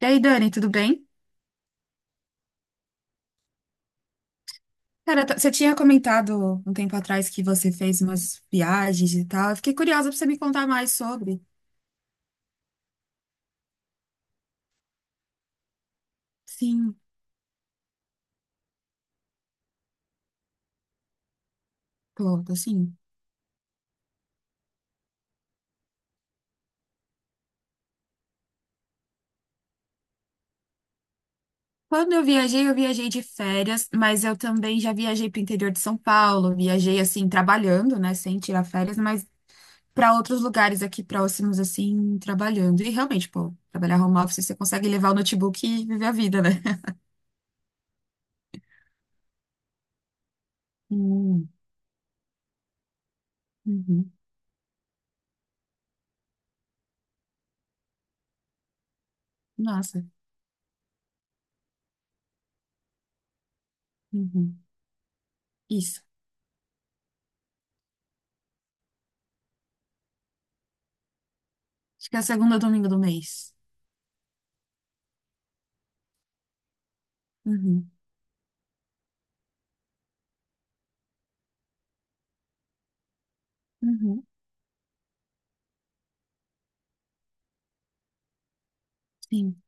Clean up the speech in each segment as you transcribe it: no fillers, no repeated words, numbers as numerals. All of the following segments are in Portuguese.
E aí, Dani, tudo bem? Cara, você tinha comentado um tempo atrás que você fez umas viagens e tal. Eu fiquei curiosa pra você me contar mais sobre. Sim, Clodo, sim. Quando eu viajei de férias, mas eu também já viajei pro interior de São Paulo. Viajei, assim, trabalhando, né, sem tirar férias, mas pra outros lugares aqui próximos, assim, trabalhando. E realmente, pô, trabalhar home office, você consegue levar o notebook e viver a vida, né? Hum, uhum. Nossa. Uhum. Isso. Acho que é o segundo domingo do mês. Uhum. Uhum, sim.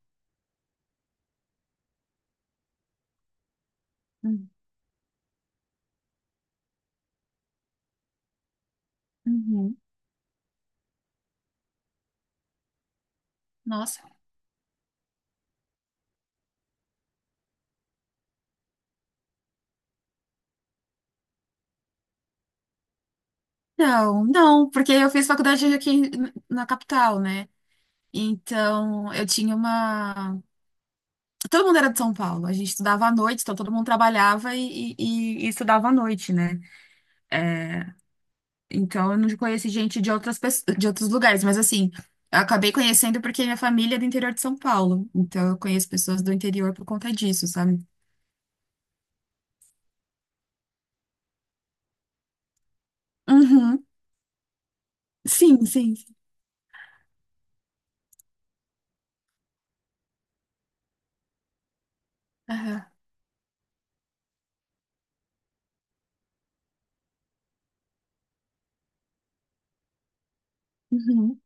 Hum, uhum. Nossa. Não, não, porque eu fiz faculdade aqui na capital, né? Então, eu tinha uma. Todo mundo era de São Paulo. A gente estudava à noite, então todo mundo trabalhava e estudava à noite, né? Então, eu não conheci gente de outras pessoas, de outros lugares, mas assim, eu acabei conhecendo porque minha família é do interior de São Paulo. Então, eu conheço pessoas do interior por conta disso, sabe? Uhum. Sim, sim. Aham. Uhum.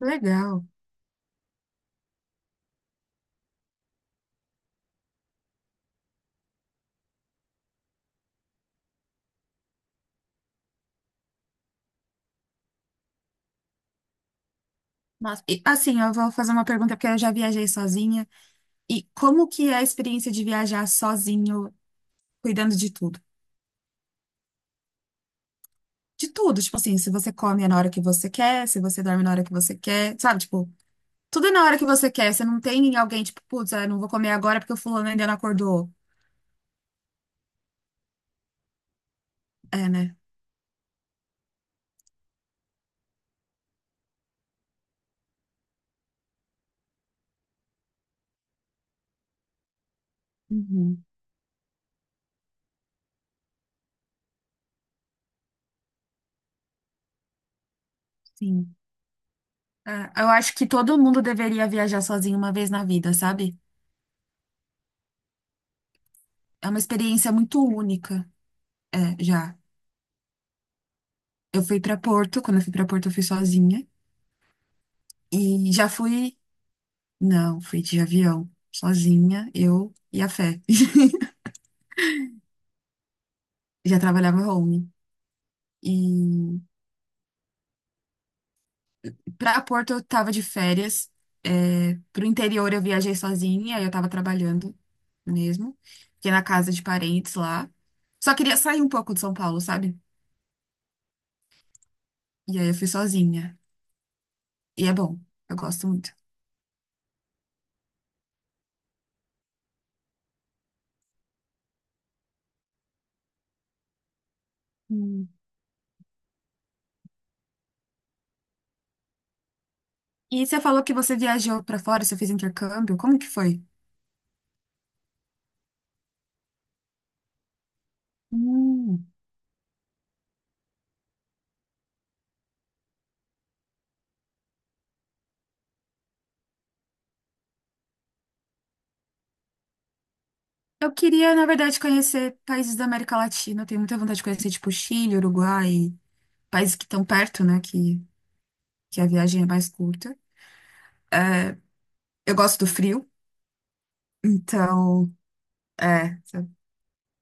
Legal. Nossa, e, assim, eu vou fazer uma pergunta porque eu já viajei sozinha. E como que é a experiência de viajar sozinho, cuidando de tudo? De tudo, tipo assim, se você come é na hora que você quer, se você dorme na hora que você quer, sabe? Tipo, tudo é na hora que você quer. Você não tem alguém, tipo, putz, eu não vou comer agora porque o fulano ainda não acordou. É, né? Uhum, sim. É, eu acho que todo mundo deveria viajar sozinho uma vez na vida, sabe? É uma experiência muito única. É, já. Eu fui pra Porto, quando eu fui pra Porto eu fui sozinha. E já fui. Não, fui de avião, sozinha, eu e a Fé. Já trabalhava home. E pra Porto eu tava de férias. É, pro interior eu viajei sozinha, aí eu tava trabalhando mesmo. Fiquei na casa de parentes lá. Só queria sair um pouco de São Paulo, sabe? E aí eu fui sozinha. E é bom, eu gosto muito. Hum. E você falou que você viajou pra fora, você fez intercâmbio, como que foi? Hum. Eu queria, na verdade, conhecer países da América Latina. Eu tenho muita vontade de conhecer, tipo, Chile, Uruguai, países que estão perto, né? Que a viagem é mais curta. É, eu gosto do frio, então, é, sabe,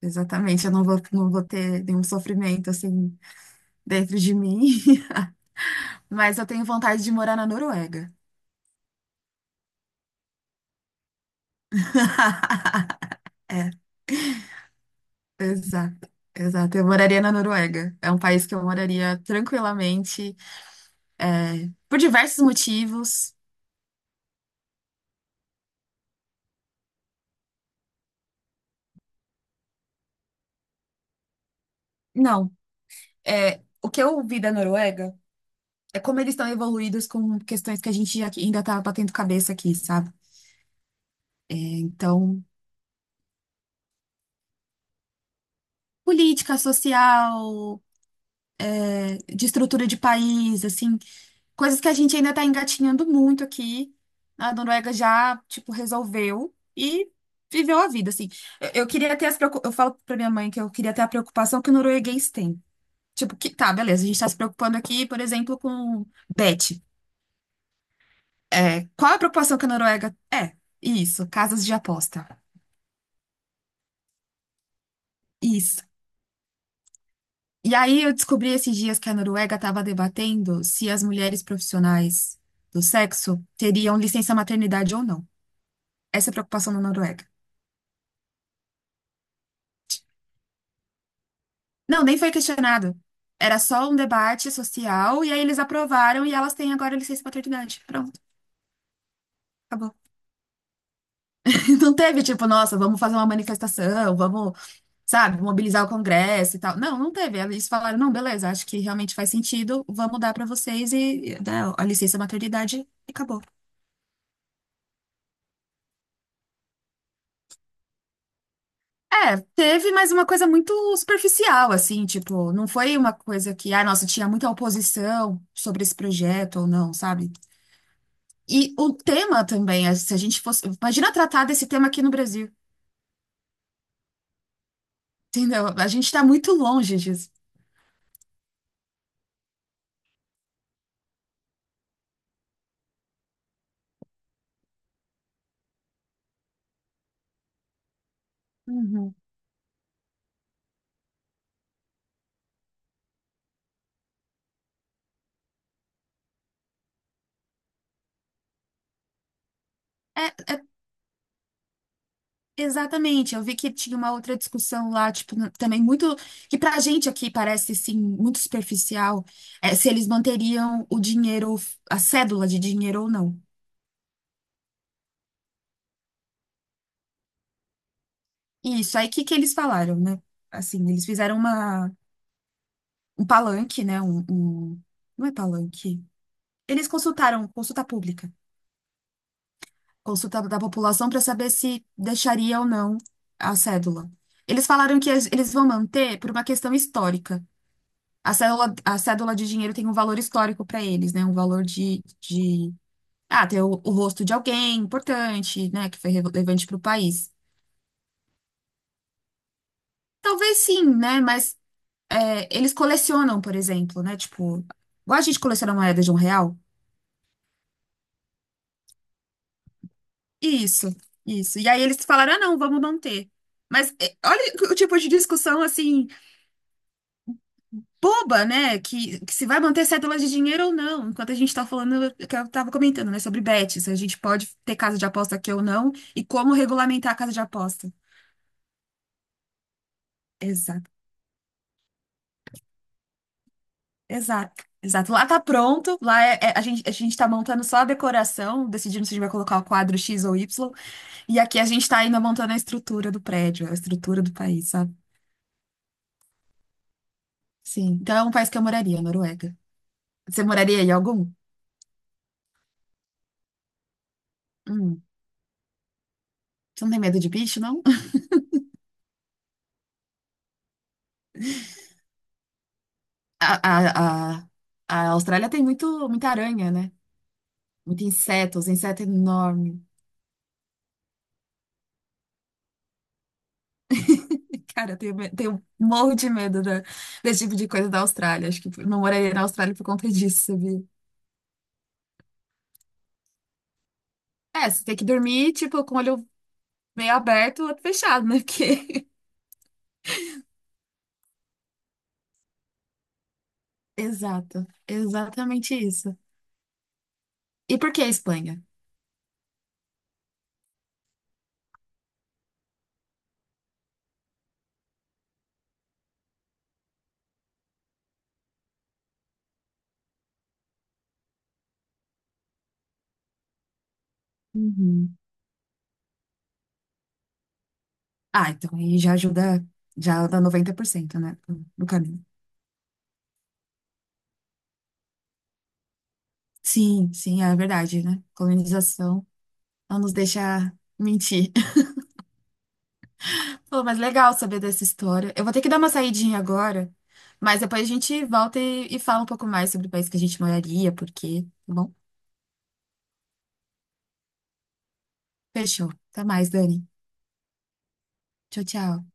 exatamente. Eu não vou, não vou ter nenhum sofrimento, assim, dentro de mim. Mas eu tenho vontade de morar na Noruega. É, exato. Exato, eu moraria na Noruega. É um país que eu moraria tranquilamente, é, por diversos motivos. Não. É, o que eu vi da Noruega é como eles estão evoluídos com questões que a gente ainda tá batendo cabeça aqui, sabe? É, então, política social, é, de estrutura de país, assim, coisas que a gente ainda está engatinhando muito aqui. A Noruega já, tipo, resolveu e viveu a vida, assim. Eu queria ter as eu falo pra minha mãe que eu queria ter a preocupação que o norueguês tem. Tipo, que tá, beleza, a gente tá se preocupando aqui, por exemplo, com Bet. É, qual a preocupação que a Noruega. É, isso, casas de aposta. Isso. E aí eu descobri esses dias que a Noruega estava debatendo se as mulheres profissionais do sexo teriam licença maternidade ou não. Essa é a preocupação na Noruega. Não, nem foi questionado. Era só um debate social e aí eles aprovaram e elas têm agora licença maternidade. Pronto, acabou. Não teve tipo, nossa, vamos fazer uma manifestação, vamos. Sabe, mobilizar o Congresso e tal. Não, não teve. Eles falaram, não, beleza, acho que realmente faz sentido, vamos dar para vocês e né, a licença maternidade e acabou. É, teve, mas uma coisa muito superficial, assim, tipo, não foi uma coisa que, ah, nossa, tinha muita oposição sobre esse projeto ou não, sabe? E o tema também, é, se a gente fosse. Imagina tratar desse tema aqui no Brasil, entendeu? A gente tá muito longe disso. Uhum. Exatamente, eu vi que tinha uma outra discussão lá, tipo, também muito, que pra gente aqui parece, sim, muito superficial, é, se eles manteriam o dinheiro, a cédula de dinheiro ou não. E isso, aí o que que eles falaram, né? Assim, um palanque, né, não é palanque, eles consultaram, consulta pública, consulta da população para saber se deixaria ou não a cédula. Eles falaram que eles vão manter por uma questão histórica. A cédula de dinheiro tem um valor histórico para eles, né? Um valor de... Ah, ter o rosto de alguém importante, né? Que foi relevante para o país. Talvez sim, né? Mas é, eles colecionam, por exemplo, né? Tipo, igual a gente coleciona moeda de um real. Isso, isso. E aí eles falaram, ah, não, vamos não ter. Mas é, olha o tipo de discussão, assim, boba, né? Que se vai manter cédula de dinheiro ou não. Enquanto a gente tá falando, que eu tava comentando, né, sobre bet, se a gente pode ter casa de aposta aqui ou não, e como regulamentar a casa de aposta. Exato, exato, exato. Lá tá pronto, lá é, a gente tá montando só a decoração, decidindo se a gente vai colocar o quadro X ou Y, e aqui a gente tá ainda montando a estrutura do prédio, a estrutura do país, sabe? Sim. Então é um país que eu moraria, Noruega. Você moraria em algum? Hum. Você não tem medo de bicho, não? A, a, a, a Austrália tem muita aranha, né? Muito inseto, os insetos enormes. Cara, eu tenho, tenho um morro de medo desse tipo de coisa da Austrália. Acho que não moraria na Austrália por conta disso, sabia? É, você tem que dormir, tipo, com o olho meio aberto, o outro fechado, né? Porque... Exato, exatamente isso. E por que a Espanha? Uhum. Ah, então aí já ajuda, já dá 90%, né, do caminho. Sim, sim, é verdade, né? Colonização não nos deixa mentir. Pô, mas legal saber dessa história. Eu vou ter que dar uma saidinha agora, mas depois a gente volta e fala um pouco mais sobre o país que a gente moraria, por quê, tá bom? Fechou. Até mais, Dani. Tchau, tchau.